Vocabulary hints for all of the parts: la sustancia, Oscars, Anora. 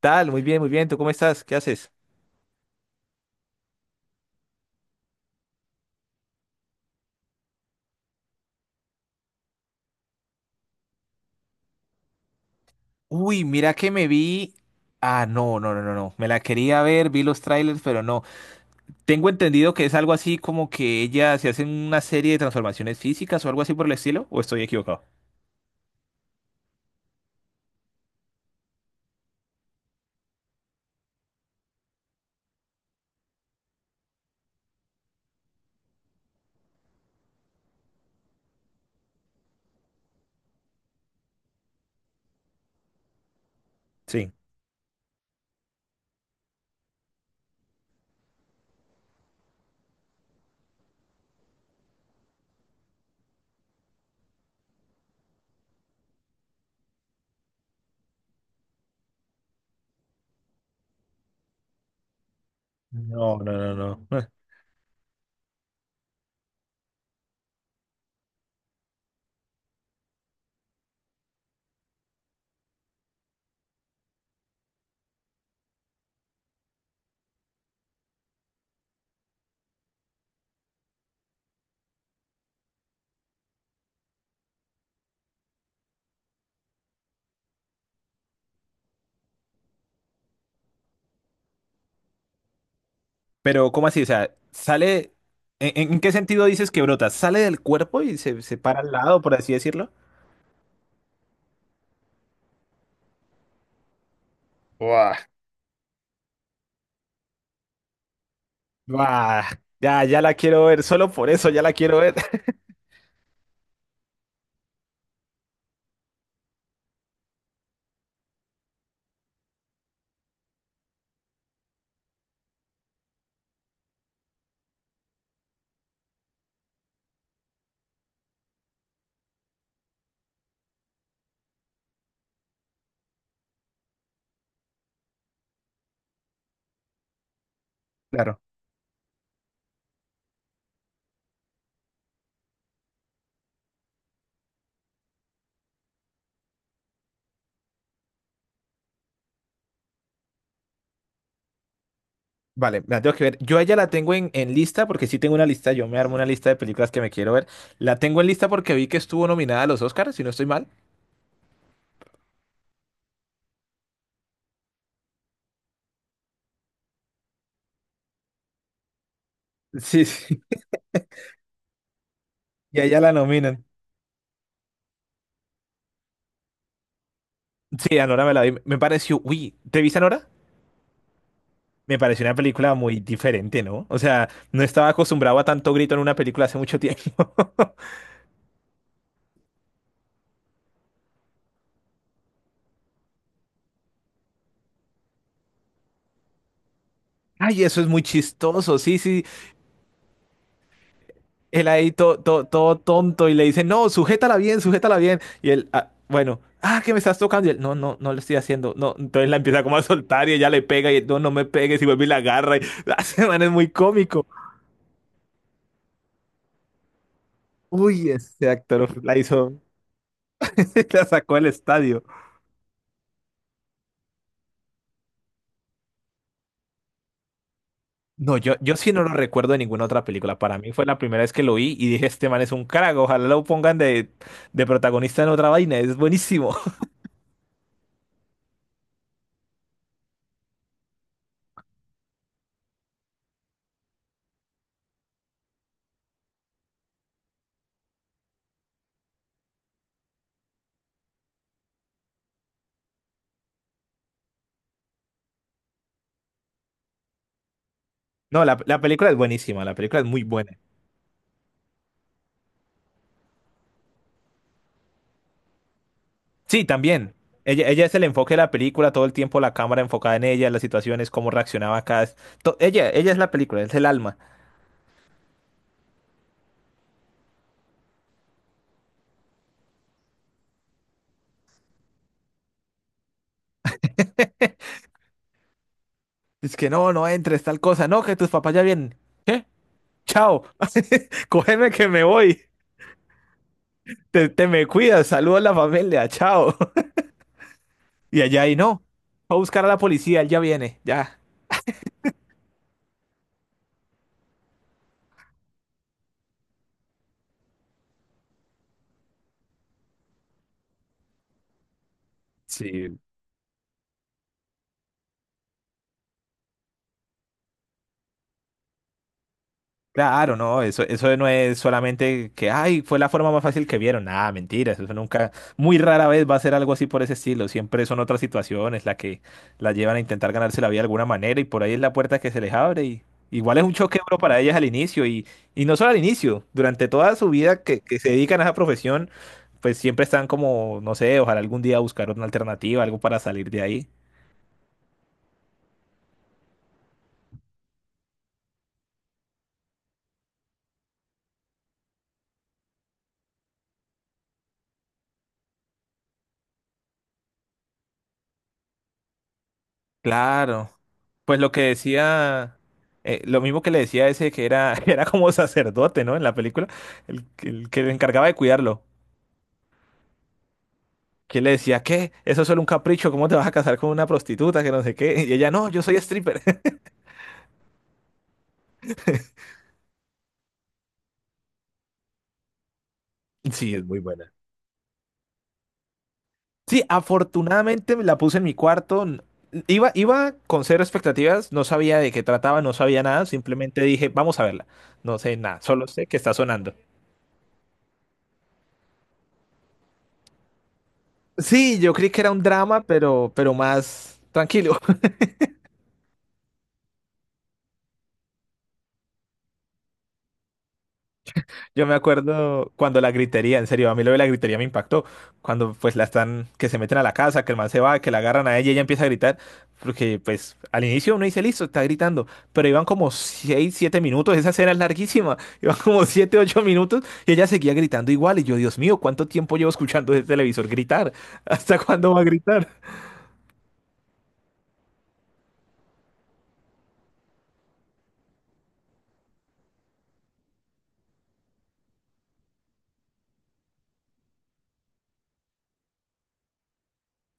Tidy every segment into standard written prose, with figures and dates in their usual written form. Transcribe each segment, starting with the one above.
Tal, muy bien, muy bien. ¿Tú cómo estás? ¿Qué haces? Uy, mira que me vi. Ah, no, no, no, no, no. Me la quería ver, vi los trailers, pero no. Tengo entendido que es algo así como que ella se hace una serie de transformaciones físicas o algo así por el estilo, ¿o estoy equivocado? Sí. No, no, no, no. Pero, ¿cómo así? O sea, sale. ¿En qué sentido dices que brota? ¿Sale del cuerpo y se para al lado, por así decirlo? Buah, buah, ya, ya la quiero ver. Solo por eso ya la quiero ver. Claro. Vale, me la tengo que ver. Yo a ella la tengo en lista porque sí tengo una lista. Yo me armo una lista de películas que me quiero ver. La tengo en lista porque vi que estuvo nominada a los Oscars, si no estoy mal. Sí, sí. Y a ella la nominan. Sí, Anora me la vi. Me pareció, uy, ¿te viste Anora? Me pareció una película muy diferente, ¿no? O sea, no estaba acostumbrado a tanto grito en una película hace mucho tiempo. Ay, eso es muy chistoso. Sí, sí. Él ahí todo tonto y le dice, no, sujétala bien, sujétala bien. Y él, "Ah, bueno, ah, que me estás tocando". Y él, no, no, no le estoy haciendo. No, entonces la empieza como a soltar y ella le pega y él, no, no me pegues, y vuelve y la agarra. Y la semana es muy cómico. Uy, ese actor la hizo, la sacó del estadio. No, yo sí no lo recuerdo de ninguna otra película. Para mí fue la primera vez que lo vi y dije, este man es un crack, ojalá lo pongan de protagonista en otra vaina, es buenísimo. No, la película es buenísima, la película es muy buena. Sí, también. Ella es el enfoque de la película, todo el tiempo la cámara enfocada en ella, las situaciones, cómo reaccionaba cada... Ella es la película, es el alma. Es que no, no entres, tal cosa. No, que tus papás ya vienen. ¿Qué? Chao. Cógeme que me voy. Te me cuidas, saluda a la familia, chao. Y allá y no. Va a buscar a la policía, él ya viene, ya. Sí, claro, no, eso no es solamente que, ay, fue la forma más fácil que vieron. Nada, mentira, eso nunca, muy rara vez va a ser algo así por ese estilo. Siempre son otras situaciones las que las llevan a intentar ganarse la vida de alguna manera y por ahí es la puerta que se les abre. Y igual es un choque duro para ellas al inicio y, no solo al inicio, durante toda su vida que se dedican a esa profesión, pues siempre están como, no sé, ojalá algún día buscar una alternativa, algo para salir de ahí. Claro. Pues lo que decía, lo mismo que le decía ese que era, era como sacerdote, ¿no? En la película, el que le encargaba de cuidarlo. Que le decía, ¿qué? Eso es solo un capricho, ¿cómo te vas a casar con una prostituta que no sé qué? Y ella, no, yo soy stripper. Sí, es muy buena. Sí, afortunadamente me la puse en mi cuarto. Iba con cero expectativas, no sabía de qué trataba, no sabía nada, simplemente dije, vamos a verla. No sé nada, solo sé que está sonando. Sí, yo creí que era un drama, pero más tranquilo. Yo me acuerdo cuando la gritería, en serio, a mí lo de la gritería me impactó. Cuando pues la están, que se meten a la casa, que el man se va, que la agarran a ella y ella empieza a gritar. Porque pues al inicio uno dice, listo, está gritando. Pero iban como 6, 7 minutos, esa escena es larguísima. Iban como 7, 8 minutos y ella seguía gritando igual. Y yo, Dios mío, ¿cuánto tiempo llevo escuchando ese televisor gritar? ¿Hasta cuándo va a gritar?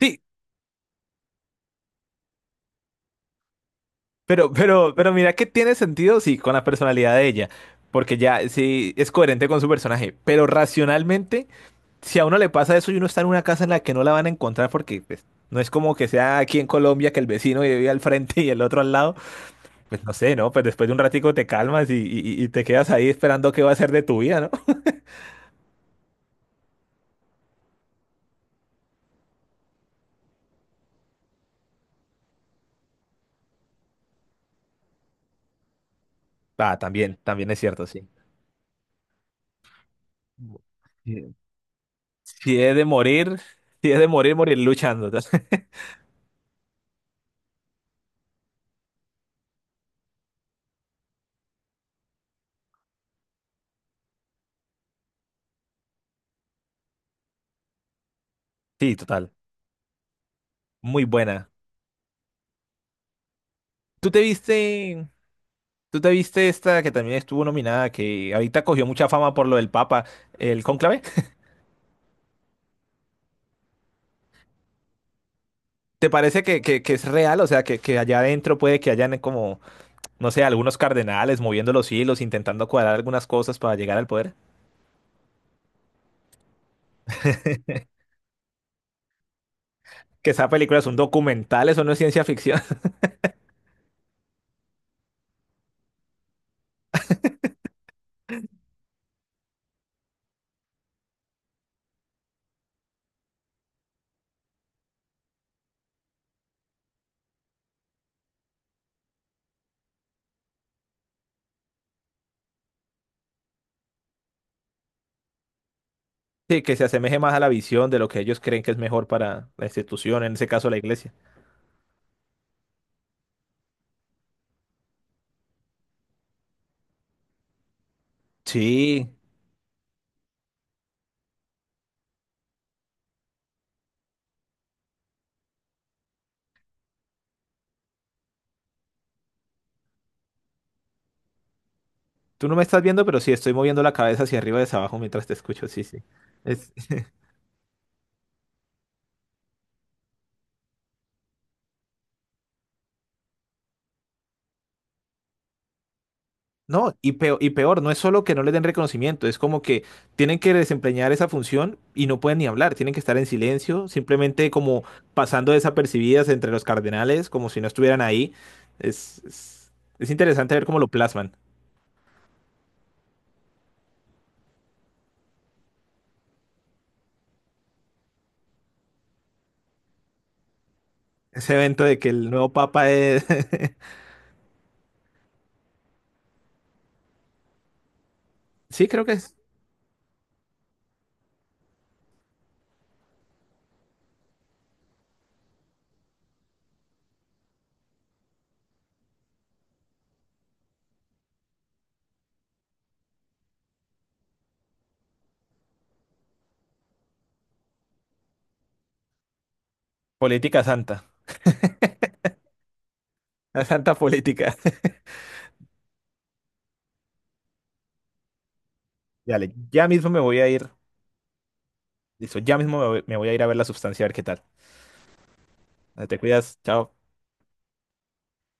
Sí, pero mira que tiene sentido, sí, con la personalidad de ella. Porque ya sí es coherente con su personaje. Pero racionalmente, si a uno le pasa eso y uno está en una casa en la que no la van a encontrar porque pues no es como que sea aquí en Colombia, que el vecino vive al frente y el otro al lado, pues no sé, ¿no? Pues después de un ratico te calmas y te quedas ahí esperando qué va a ser de tu vida, ¿no? Ah, también, también es cierto, sí. Sí. Si es de morir, si es de morir, morir luchando. Sí, total. Muy buena. ¿Tú te viste, tú te viste esta que también estuvo nominada, que ahorita cogió mucha fama por lo del Papa, el cónclave? ¿Te parece que es real? O sea, que allá adentro puede que hayan como, no sé, algunos cardenales moviendo los hilos, intentando cuadrar algunas cosas para llegar al poder. Que esa película es un documental, eso no es ciencia ficción. Sí, que se asemeje más a la visión de lo que ellos creen que es mejor para la institución, en ese caso la iglesia. Sí, tú no me estás viendo, pero sí estoy moviendo la cabeza hacia arriba y hacia abajo mientras te escucho. Sí, sí. Es, No, y peor, no es solo que no le den reconocimiento, es como que tienen que desempeñar esa función y no pueden ni hablar, tienen que estar en silencio, simplemente como pasando desapercibidas entre los cardenales, como si no estuvieran ahí. Es, es interesante ver cómo lo plasman. Ese evento de que el nuevo papa es... Sí, creo que es política santa, la santa política. Dale, ya mismo me voy a ir, listo, ya mismo me voy a ir a ver la sustancia, a ver qué tal. Te cuidas, chao.